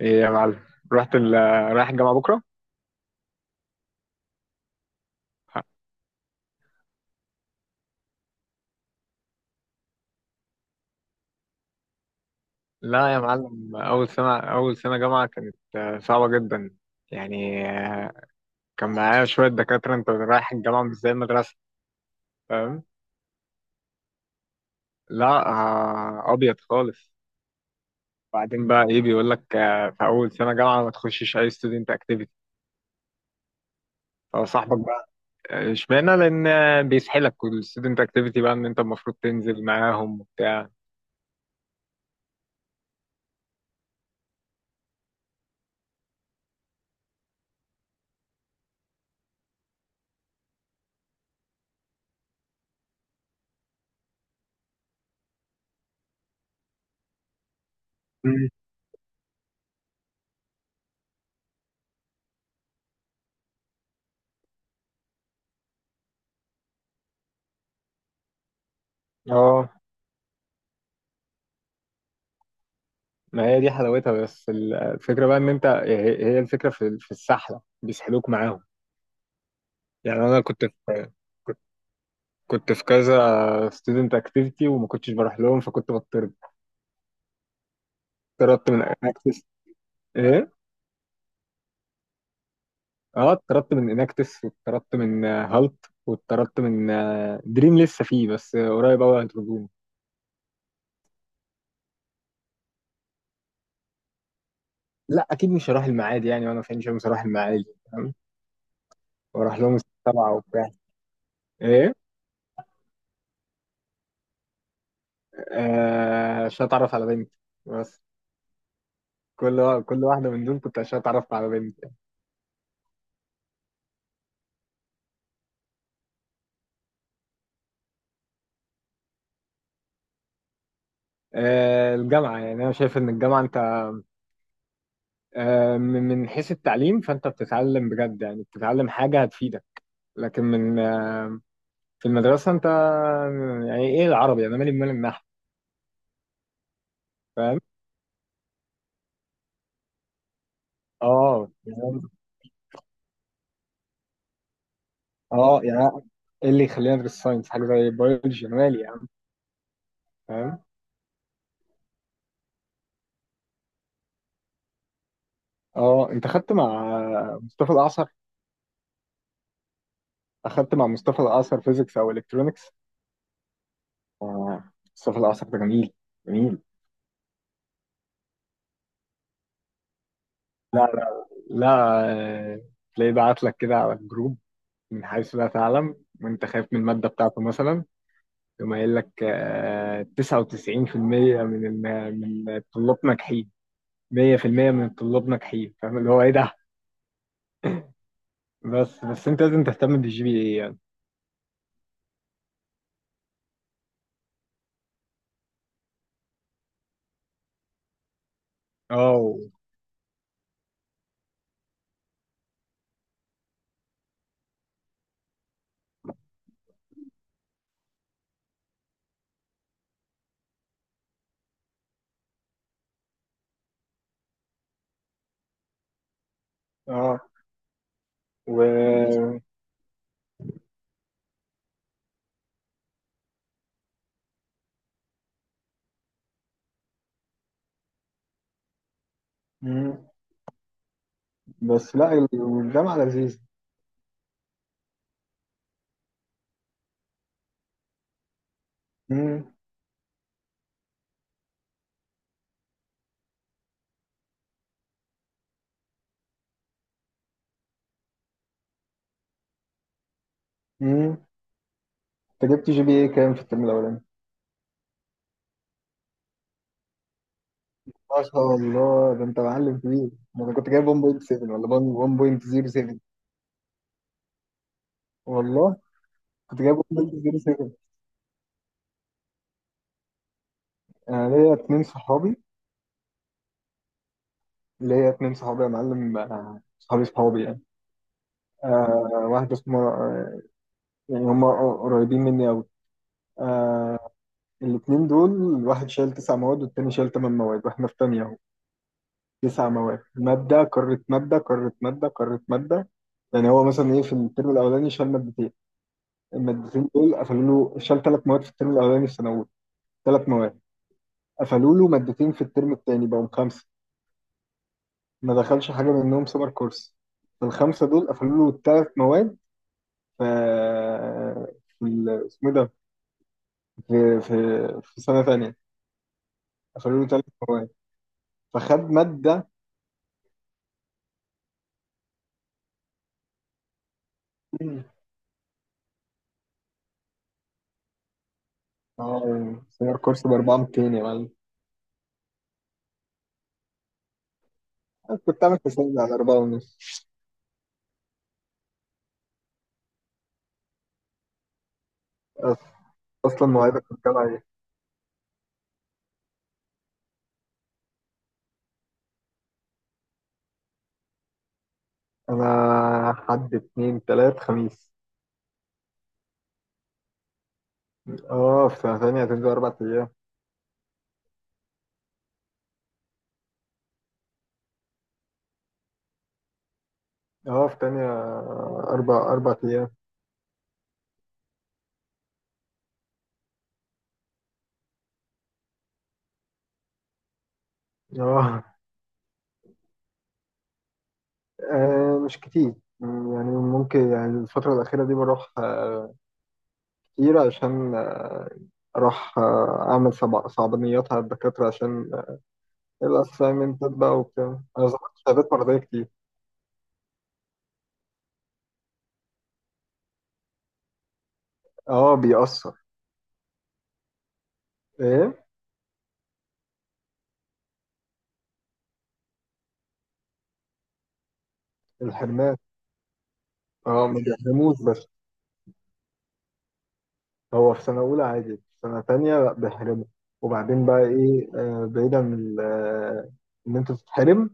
ايه يا معلم. رحت ال... رايح الجامعة بكرة؟ لا يا معلم، أول سنة جامعة كانت صعبة جدا. يعني، كان معايا شوية دكاترة. أنت رايح الجامعة مش زي المدرسة، فاهم؟ لا، أبيض خالص. بعدين بقى إيه بيقول لك في أول سنة جامعة ما تخشش أي ستودنت أكتيفيتي، فصاحبك بقى. اشمعنى؟ لأن بيسحلك، والستودنت أكتيفيتي بقى إن أنت المفروض تنزل معاهم وبتاع. مم. اه، ما هي دي حلاوتها. بس الفكرة بقى ان انت، هي هي الفكرة في السحلة بيسحلوك معاهم. يعني انا كنت في، كنت كنت في كذا ستودنت اكتيفيتي وما كنتش بروح لهم فكنت بطرد. اتطردت من اناكتس. ايه. اه، اتطردت من اناكتس، واتطردت من هالت، واتطردت من دريم لسه فيه بس قريب قوي هيطردوني. لا اكيد مش هروح المعادي يعني، وانا في عين شمس هروح المعادي؟ فاهم؟ واروح لهم السبعة وبتاع. ايه. عشان اتعرف على بنت بس. كل واحده من دول كنت عشان اتعرف على بنت. الجامعه، يعني انا شايف ان الجامعه انت من حيث التعليم، فانت بتتعلم بجد، يعني بتتعلم حاجه هتفيدك. لكن من آه، في المدرسه انت، يعني ايه العربي؟ انا مالي بمال النحو. فاهم. اه يعني- اه يعني ايه اللي يخليني ادرس ساينس؟ حاجه زي بيولوجي أنا مالي يعني؟ فاهم. اه، انت خدت مع مصطفى الاعصر؟ اخدت مع مصطفى الاعصر فيزيكس او الكترونكس؟ اه. مصطفى الاعصر ده جميل، جميل. لا لا لا، آه، تلاقيه بعت لك كده على الجروب من حيث لا تعلم، وانت خايف من المادة بتاعته مثلا، يقوم قايل لك 99% من من الطلاب ناجحين، 100% من الطلاب ناجحين. فاهم اللي هو ايه ده؟ بس انت لازم تهتم بالجي بي اي يعني. اه. و- اه و مم. بس لا، الجامعة لذيذة. مم. مم. انت جبت جي بي اي كام في الترم الأولاني؟ ما شاء الله، ده انت معلم كبير. ده انا كنت جايب 1.7 ولا 1.07. والله كنت جايب 1.07. انا ليا اتنين صحابي. ليا اتنين صحابي يا معلم، صحابي صحابي يعني. واحد اسمه يعني، هم قريبين مني قوي. آه الاتنين دول، واحد شال تسع مواد والتاني شال تمن مواد، واحنا في تانية اهو. تسع مواد، مادة قارة مادة قارة مادة قارة مادة. يعني هو مثلا ايه، في الترم الاولاني شال مادتين، المادتين دول قفلوا له. شال ثلاث مواد في الترم الاولاني في ثانوي، ثلاث مواد قفلوا له. مادتين في الترم الثاني بقوا خمسه، ما دخلش حاجه منهم سمر كورس، فالخمسه دول قفلوا له الثلاث مواد. ف اسمه إيه ده، في في سنه ثانيه قفلوا له ثلاث مواد، فخد ماده. اه، سمر كورس ب 4200 يا معلم. أنا كنت عامل حسابي على 4 ونص. أص- اصلا مواعيدك في الجامعه ايه؟ انا حد اتنين تلات خميس. اه، في سنه ثانيه هتنزل اربع ايام. اه، في تانية اربع ايام. اه. مش كتير. يعني ممكن، يعني الفترة الأخيرة دي بروح كتير عشان أروح أعمل صعبانيات على الدكاترة، عشان الأسايمنتات بقى وبتاع. أنا ظبطت شهادات مرضية كتير. أه، بيأثر. إيه الحرمان؟ أه، ما بيحرموش بس. هو في سنة أولى عادي، في سنة تانية لأ بيحرموا. وبعدين بقى إيه، بعيدا من إن أنت تتحرم،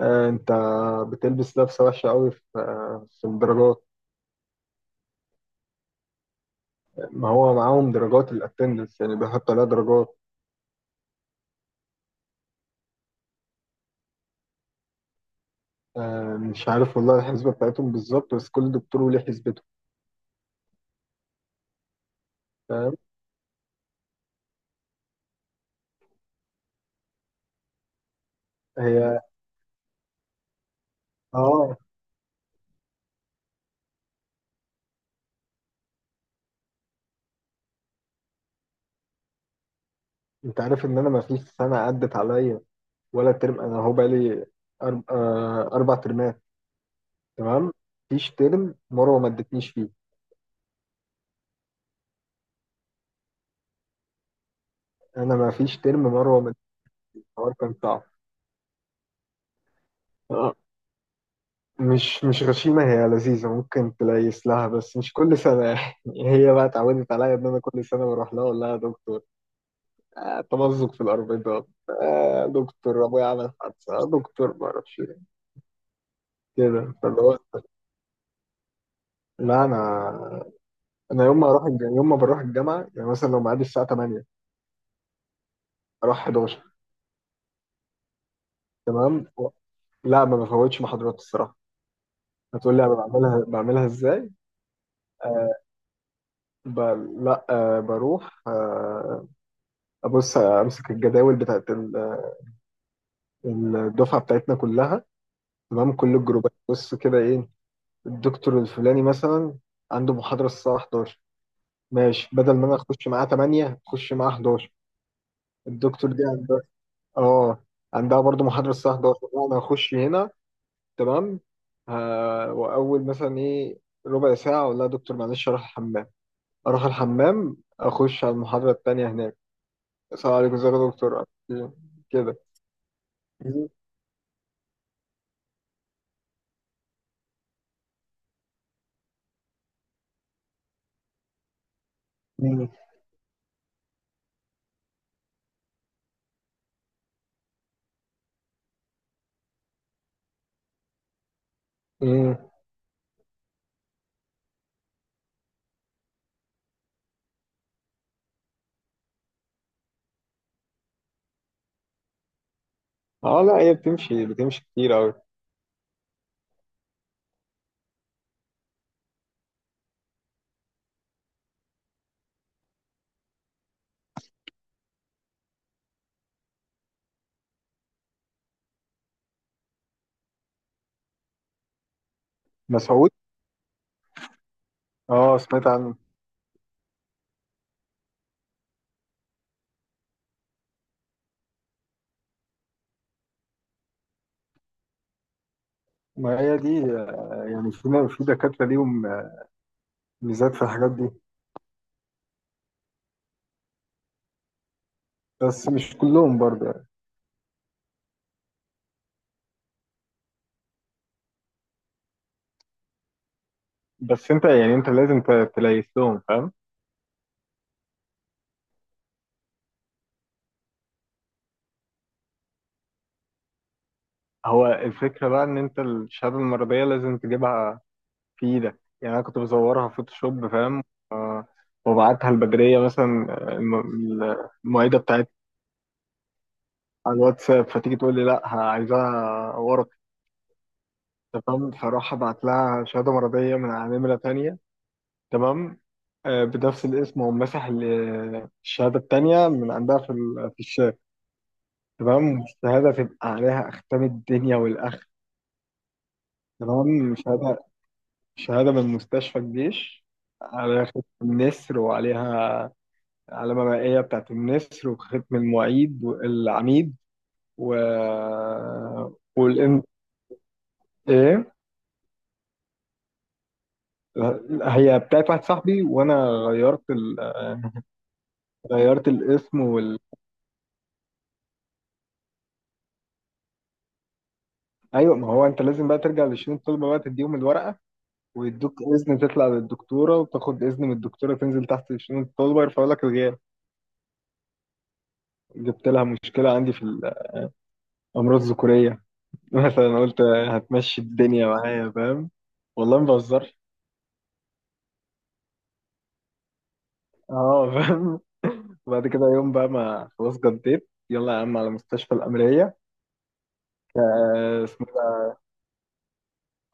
أنت بتلبس لبسة وحشة أوي في الدرجات. ما هو معاهم درجات الاتندنس، يعني بيحط عليها درجات. مش عارف والله الحسبه بتاعتهم بالظبط، بس كل دكتور وليه حسبته. فاهم. هي اه، انت عارف ان انا ما فيش سنه عدت عليا ولا ترم، انا هو بقالي أرب... آه اربع ترمات. تمام. فيش ترم مروه ما ادتنيش فيه. انا ما فيش ترم مروه ما ادتنيش. الحوار كان صعب. آه، مش غشيمه، هي لذيذه، ممكن تليس لها، بس مش كل سنه. هي بقى اتعودت عليا ان انا كل سنه بروح لها اقول لها: يا دكتور تمزق في الأربطة، دكتور أبويا عمل حادثة، دكتور ما أعرفش إيه. كده، فاللي هو لا، أنا، أنا يوم ما يوم ما بروح الجامعة يعني، مثلا لو ميعادي الساعة 8 أروح 11. تمام لا، ما بفوتش محاضرات الصراحة. هتقول لي أنا بعملها إزاي؟ آه، ب... لا، بروح أبص، أمسك الجداول بتاعت الدفعة بتاعتنا كلها. تمام، كل الجروبات، بص كده إيه، الدكتور الفلاني مثلا عنده محاضرة الساعة 11. ماشي، بدل ما انا اخش معاه 8 اخش معاه 11. الدكتور دي عندها، اه، عندها برضو محاضرة الساعة 11، انا هخش هنا. تمام. ها، واول مثلا ايه ربع ساعة اقول لها: دكتور معلش اروح الحمام. اروح الحمام اخش على المحاضرة التانية هناك. السلام عليكم، ازيك يا دكتور. كده. مم. امم. اه لا، هي بتمشي بتمشي كتير قوي. مسعود؟ اه، سمعت عنه. ما هي دي يعني، في دكاترة ليهم ميزات في الحاجات دي، بس مش كلهم برضه. بس انت لازم تليس لهم، فاهم. هو الفكرة بقى ان انت الشهادة المرضية لازم تجيبها في ايدك. يعني انا كنت بصورها فوتوشوب، فاهم، آه، وابعتها البدرية مثلا، المعيدة بتاعتي، على الواتساب. فتيجي تقول لي: لا، عايزاها ورق. تمام، فراح ابعت لها شهادة مرضية من على نمرة تانية، تمام، بنفس الاسم، ومسح الشهادة التانية من عندها في الشات. تمام، والشهادة تبقى عليها أختام الدنيا والآخرة. كمان شهادة، شهادة من مستشفى الجيش، على ختم النسر، وعليها علامة مائية بتاعت النسر، وختم المعيد والعميد و والإن إيه؟ هي بتاعت واحد صاحبي وأنا غيرت غيرت الاسم. أيوة، ما هو أنت لازم بقى ترجع لشؤون الطلبة بقى، تديهم الورقة، ويدوك إذن تطلع للدكتورة، وتاخد إذن من الدكتورة، تنزل تحت شؤون الطلبة يرفعوا لك الغياب. جبت لها مشكلة عندي في الأمراض الذكورية مثلا، قلت هتمشي الدنيا معايا، فاهم. والله ما بهزرش. اه فاهم. وبعد كده يوم بقى، ما خلاص جديت، يلا يا عم على مستشفى الأمرية، اسمه إيه ده.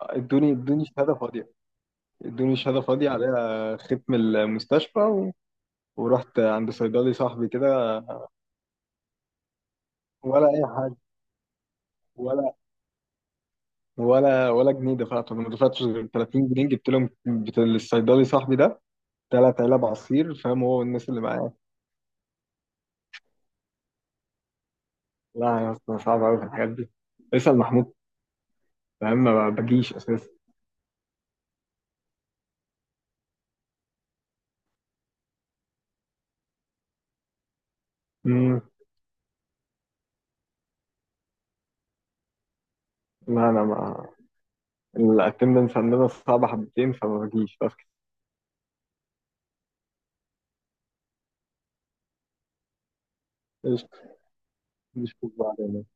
ادوني شهادة فاضية، ادوني شهادة فاضية عليها ختم المستشفى. ورحت عند صيدلي صاحبي كده. ولا أي حاجة، ولا ولا جنيه دفعته. أنا ما دفعتش غير 30 جنيه، جبت لهم، بتاع الصيدلي صاحبي ده، ثلاث علب عصير، فاهم، هو والناس اللي معاه. لا يا اسطى، صعب قوي في الحاجات دي، اسأل محمود. فاهم، ما بجيش اساسا. امم. لا، انا ما، الاتندنس عندنا صعبه حبتين فما بجيش بس. قشطة. نشوف بعدين.